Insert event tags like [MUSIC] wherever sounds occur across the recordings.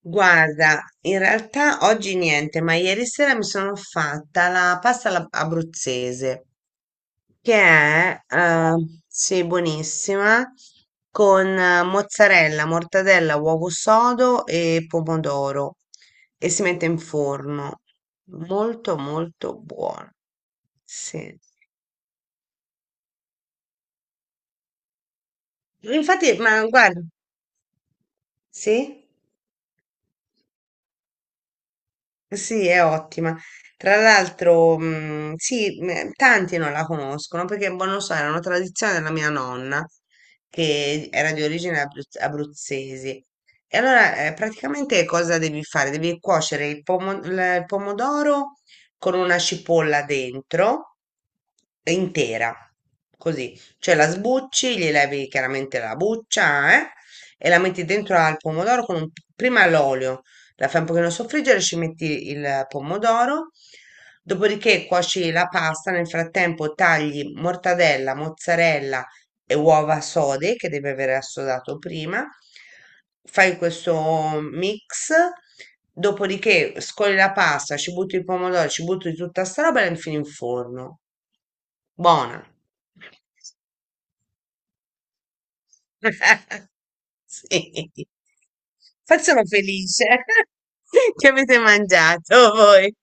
Guarda, in realtà oggi niente, ma ieri sera mi sono fatta la abruzzese, che è sì, buonissima, con mozzarella, mortadella, uovo sodo e pomodoro e si mette in forno. Molto, molto buona. Sì. Infatti, ma guarda, sì? Sì, è ottima. Tra l'altro, sì, tanti non la conoscono perché, boh, non lo so, era una tradizione della mia nonna che era di origine abruzzese. E allora, praticamente cosa devi fare? Devi cuocere il pomodoro con una cipolla dentro, intera, così. Cioè la sbucci, gli levi chiaramente la buccia, e la metti dentro al pomodoro prima l'olio. La fai un pochino soffriggere, ci metti il pomodoro, dopodiché cuoci la pasta, nel frattempo tagli mortadella, mozzarella e uova sode che deve aver assodato prima. Fai questo mix, dopodiché scoli la pasta, ci butti il pomodoro, ci butti tutta sta roba e la infili in forno. Buona. [LAUGHS] Sì. Poi sono felice [LAUGHS] che avete mangiato voi.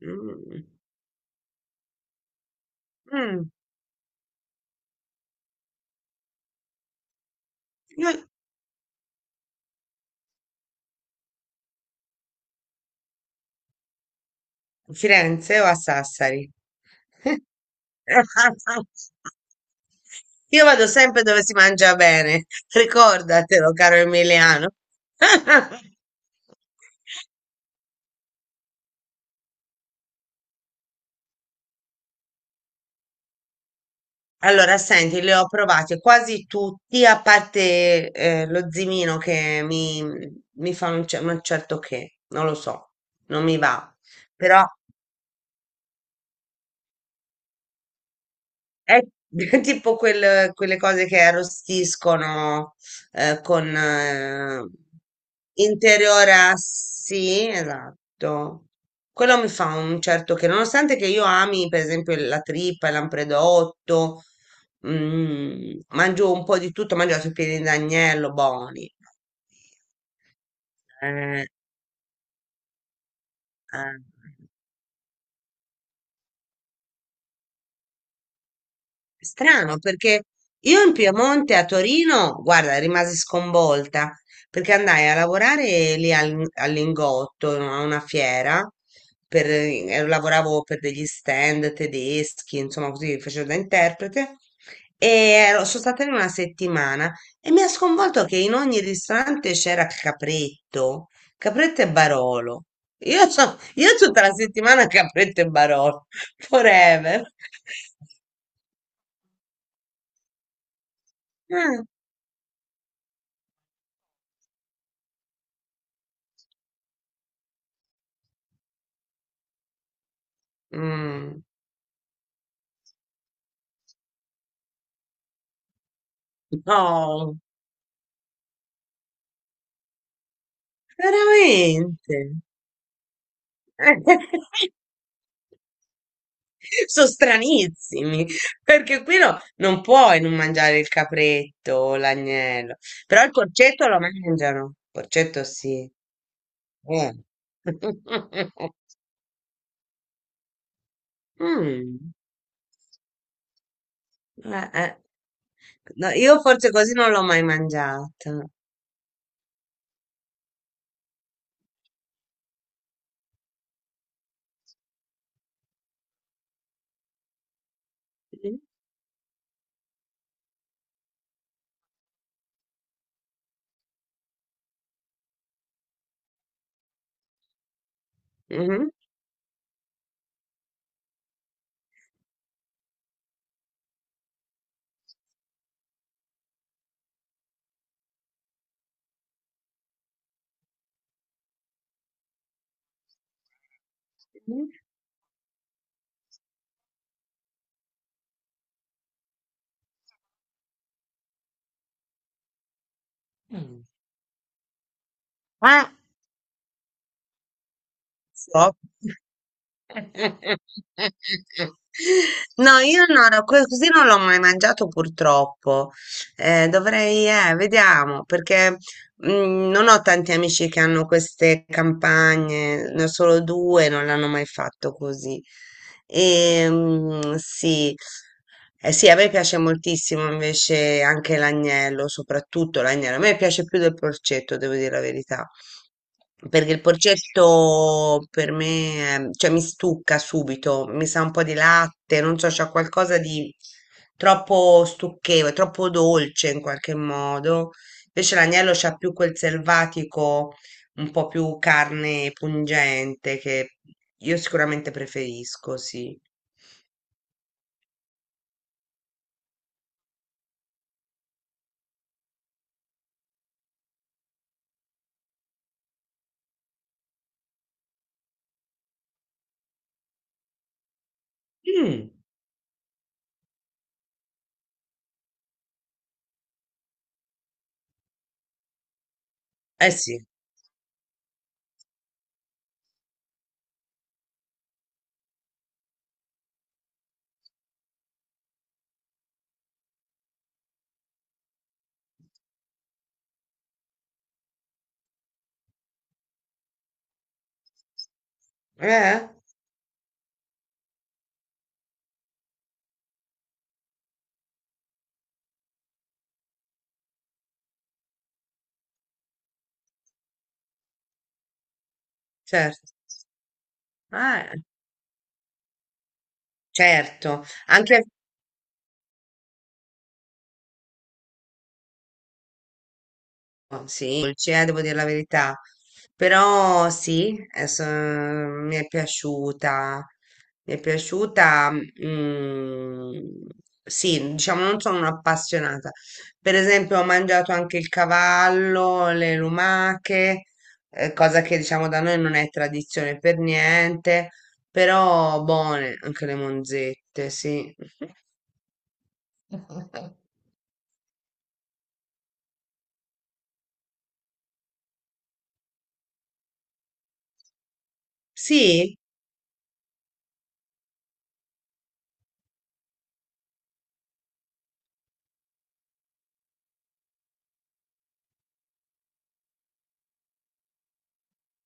Mm. Mm. Io a Firenze o a Sassari? [LAUGHS] Io vado sempre dove si mangia bene, [LAUGHS] ricordatelo, caro Emiliano. [LAUGHS] Allora, senti, li ho provati quasi tutti, a parte lo zimino mi fa un, un certo che, non lo so, non mi va. Però è [LAUGHS] tipo quelle cose che arrostiscono con interiora, sì, esatto. Quello mi fa un certo che, nonostante che io ami, per esempio, la trippa, il lampredotto, mm, mangio un po' di tutto, mangio anche i piedi d'agnello, buoni. Eh, eh. Strano, perché io in Piemonte a Torino, guarda, rimasi sconvolta perché andai a lavorare lì all'Ingotto, a una fiera, per, lavoravo per degli stand tedeschi, insomma, così facevo da interprete. E sono stata lì una settimana e mi ha sconvolto che in ogni ristorante c'era capretto, capretto e Barolo. Io, so, io tutta la settimana capretto e Barolo, [LAUGHS] forever. [LAUGHS] Ah. Mm. No, veramente. [LAUGHS] Sono stranissimi, perché qui non puoi non mangiare il capretto o l'agnello, però il porcetto lo mangiano, il porcetto sì. Eh. [LAUGHS] Mm, eh. No, io forse così non l'ho mai mangiata. Mhm, mhm, mhm. Ah, so. No, io non così non l'ho mai mangiato purtroppo. Dovrei, vediamo, perché mm, non ho tanti amici che hanno queste campagne, ne ho solo due, non l'hanno mai fatto così. E, mm, sì. Eh sì, a me piace moltissimo invece anche l'agnello, soprattutto l'agnello. A me piace più del porcetto, devo dire la verità. Perché il porcetto per me, cioè mi stucca subito, mi sa un po' di latte, non so, c'è qualcosa di troppo stucchevole, troppo dolce in qualche modo. Invece l'agnello c'ha più quel selvatico, un po' più carne pungente che io sicuramente preferisco, sì. Mm, eh sì, eh, certo. Ah, certo. Anche oh, sì, dolce, devo dire la verità. Però sì, adesso, mi è piaciuta. Mi è piaciuta. Mm, sì, diciamo, non sono un'appassionata. Per esempio, ho mangiato anche il cavallo, le lumache, cosa che diciamo da noi non è tradizione per niente. Però buone anche le monzette, sì. [LAUGHS] Sì,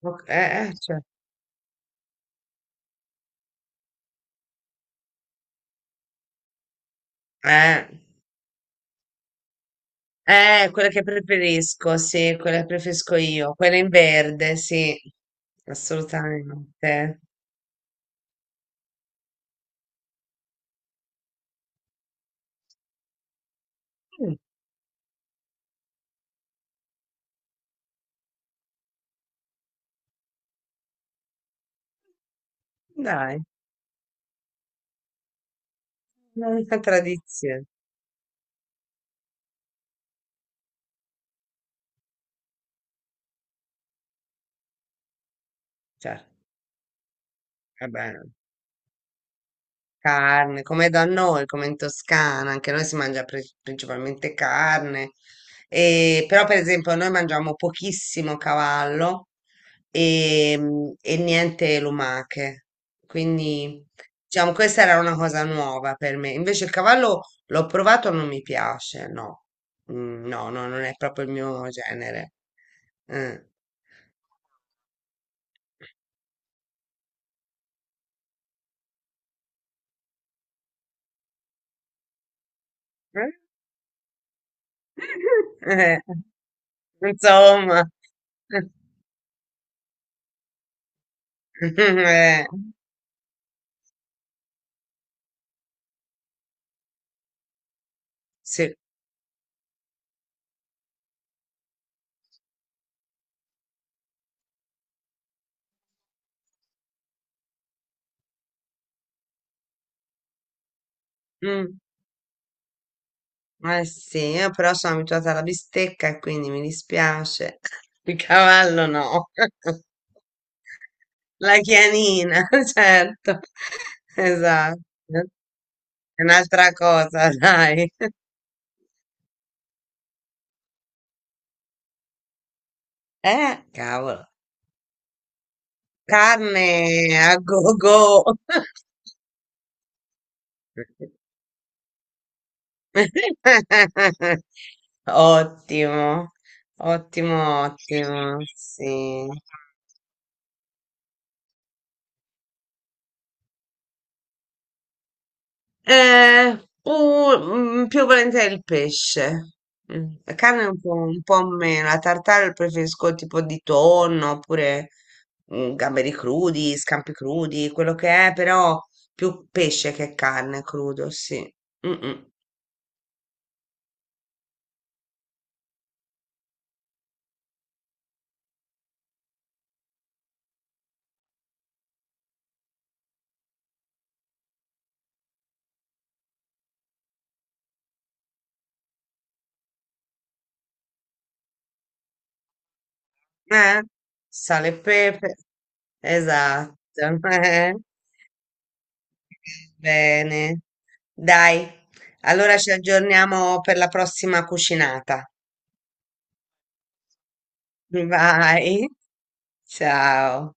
ok, cioè, eh. Quella che preferisco, sì, quella che preferisco io, quella in verde, sì, assolutamente. Mm, dai, è una tradizione, cioè, vabbè. Carne, come da noi, come in Toscana, anche noi si mangia principalmente carne, e, però per esempio noi mangiamo pochissimo cavallo e, mm, e niente lumache, quindi diciamo questa era una cosa nuova per me, invece il cavallo l'ho provato, non mi piace, no, mm, no, no, non è proprio il mio genere. Eh. [LAUGHS] Eh? Insomma. Eh, sì. Mm, eh sì, io però sono abituata alla bistecca e quindi mi dispiace. [LAUGHS] Il cavallo no. [LAUGHS] La chianina, [LAUGHS] certo. Esatto. È un'altra cosa, [LAUGHS] dai. Cavolo. Carne a go-go. [LAUGHS] Ottimo, ottimo, ottimo, sì. Mm, più volentieri il pesce. Mm, la carne un po' meno. La tartare preferisco tipo di tonno oppure mm, gamberi crudi, scampi crudi, quello che è, però più pesce che carne crudo, sì. Mm, mm. Eh? Sale e pepe. Esatto. [LAUGHS] eh. Bene. Dai, allora ci aggiorniamo per la prossima cucinata. Vai. Ciao.